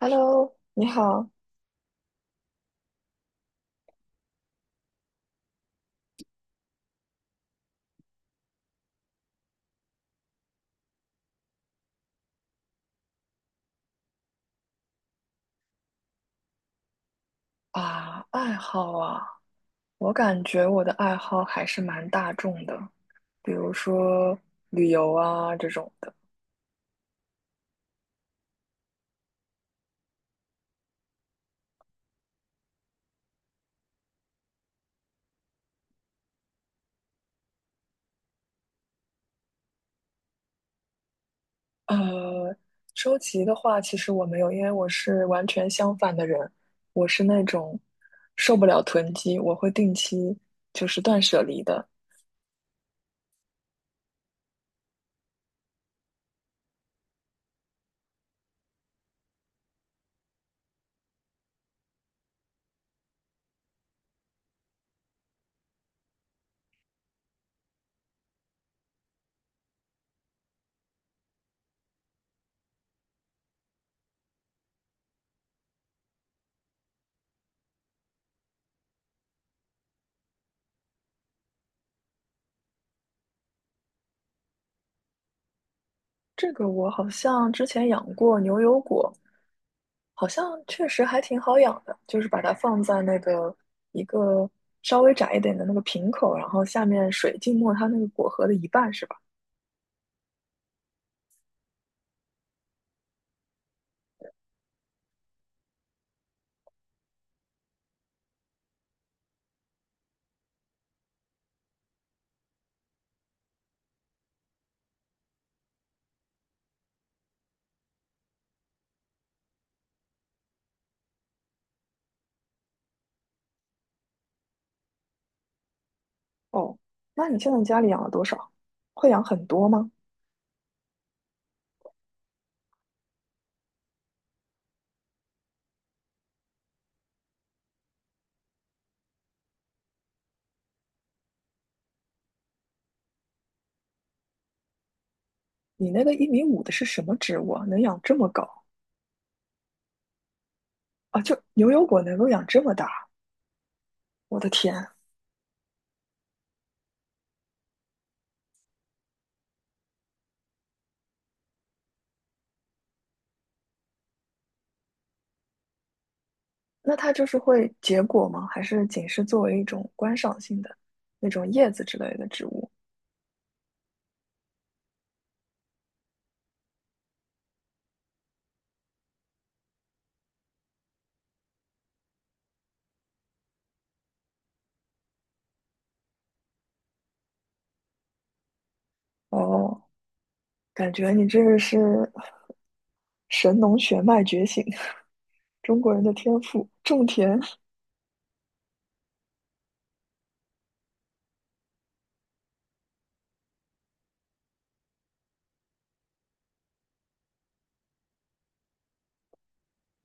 Hello，你好。啊，爱好啊，我感觉我的爱好还是蛮大众的，比如说旅游啊这种的。呃，收集的话，其实我没有，因为我是完全相反的人，我是那种受不了囤积，我会定期就是断舍离的。这个我好像之前养过牛油果，好像确实还挺好养的，就是把它放在那个一个稍微窄一点的那个瓶口，然后下面水浸没它那个果核的一半，是吧？哦，那你现在家里养了多少？会养很多吗？你那个一米五的是什么植物啊？能养这么高啊？就牛油果能够养这么大，我的天！那它就是会结果吗？还是仅是作为一种观赏性的那种叶子之类的植物？哦，感觉你这个是神农血脉觉醒，中国人的天赋。种田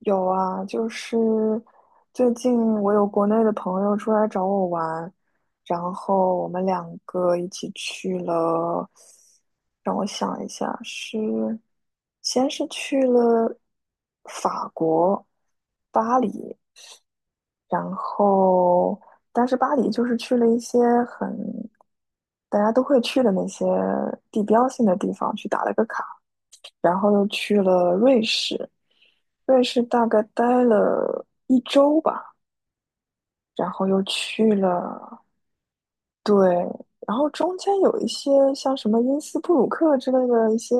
有啊，就是最近我有国内的朋友出来找我玩，然后我们两个一起去了，让我想一下，是先是去了法国巴黎，然后，但是巴黎就是去了一些很大家都会去的那些地标性的地方去打了个卡，然后又去了瑞士，瑞士大概待了一周吧，然后又去了。对，然后中间有一些像什么因斯布鲁克之类的一些，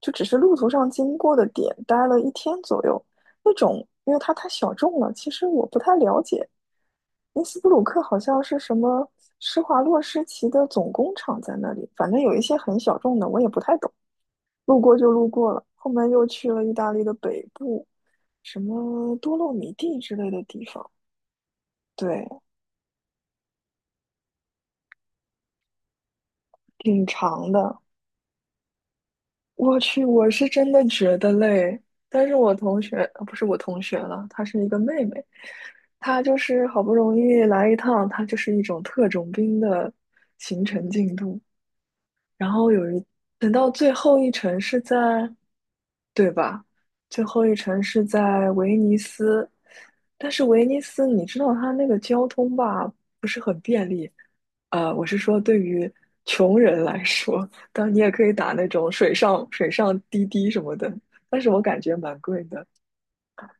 就只是路途上经过的点，待了一天左右。那种，因为它太小众了，其实我不太了解。因斯布鲁克好像是什么施华洛世奇的总工厂在那里，反正有一些很小众的，我也不太懂，路过就路过了。后面又去了意大利的北部，什么多洛米蒂之类的地方，对，挺长的。我是真的觉得累，但是我同学，不是我同学了，她是一个妹妹，她就是好不容易来一趟，她就是一种特种兵的行程进度，然后有一，等到最后一程是在，对吧？最后一程是在威尼斯，但是威尼斯你知道它那个交通吧，不是很便利，我是说，对于穷人来说，当然你也可以打那种水上滴滴什么的，但是我感觉蛮贵的。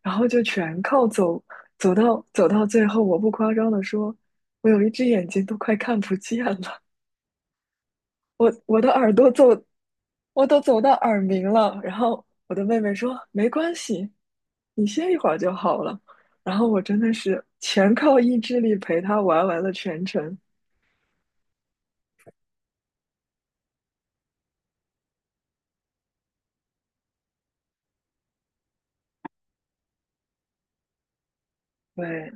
然后就全靠走，走到最后，我不夸张的说，我有一只眼睛都快看不见了，我的耳朵走，我都走到耳鸣了。然后我的妹妹说，没关系，你歇一会儿就好了。然后我真的是全靠意志力陪她玩完了全程。对，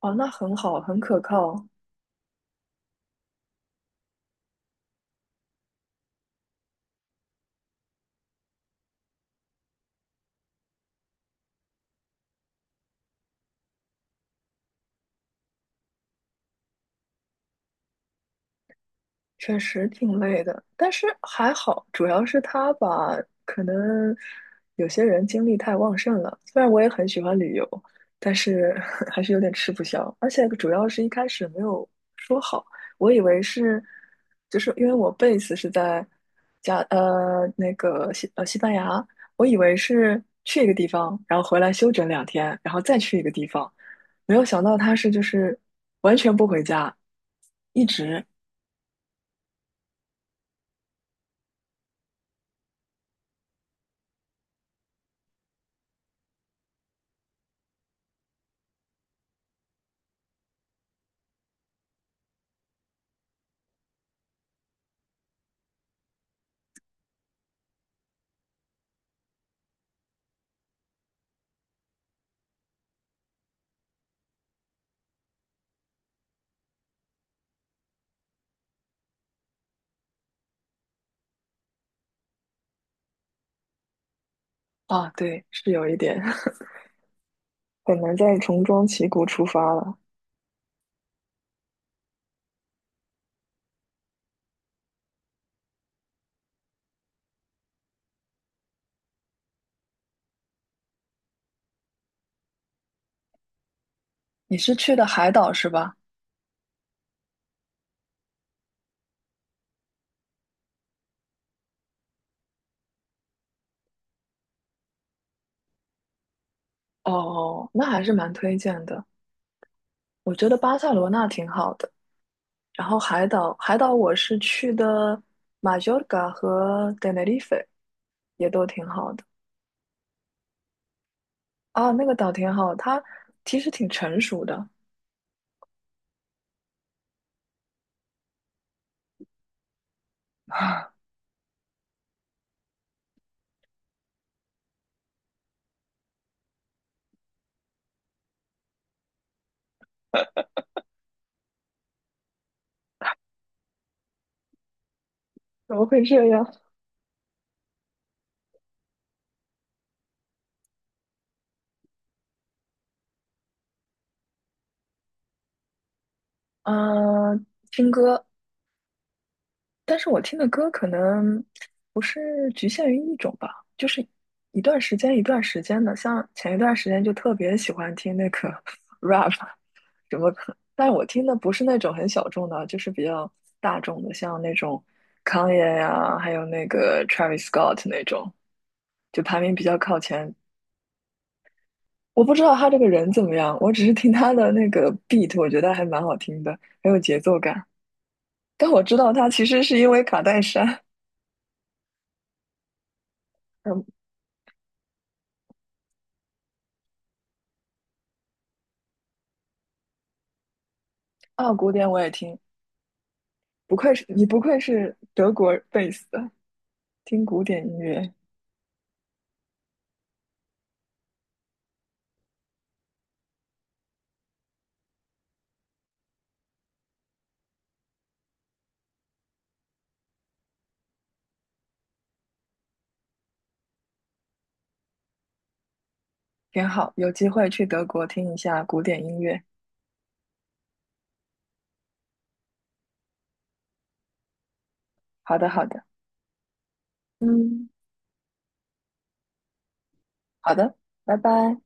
哦，那很好，很可靠。确实挺累的，但是还好，主要是他吧，可能有些人精力太旺盛了。虽然我也很喜欢旅游，但是 还是有点吃不消。而且主要是一开始没有说好，我以为是，就是因为我贝斯是在那个西班牙，我以为是去一个地方，然后回来休整两天，然后再去一个地方。没有想到他是就是完全不回家，一直。啊，对，是有一点，很难再重装旗鼓出发了。你是去的海岛是吧？哦，那还是蛮推荐的。我觉得巴塞罗那挺好的，然后海岛，海岛我是去的马约尔嘎和 Tenerife,也都挺好的。啊，那个岛挺好，它其实挺成熟的。啊，怎么会这样？嗯、听歌，但是我听的歌可能不是局限于一种吧，就是一段时间一段时间的。像前一段时间就特别喜欢听那个 rap,什么可，但我听的不是那种很小众的啊，就是比较大众的，像那种 Kanye 呀、还有那个 Travis Scott 那种，就排名比较靠前。我不知道他这个人怎么样，我只是听他的那个 beat,我觉得还蛮好听的，很有节奏感。但我知道他其实是因为卡戴珊 啊，古典我也听，不愧是你，不愧是德国贝斯的，听古典音乐挺好。有机会去德国听一下古典音乐。好的，好的，嗯，好的，拜拜。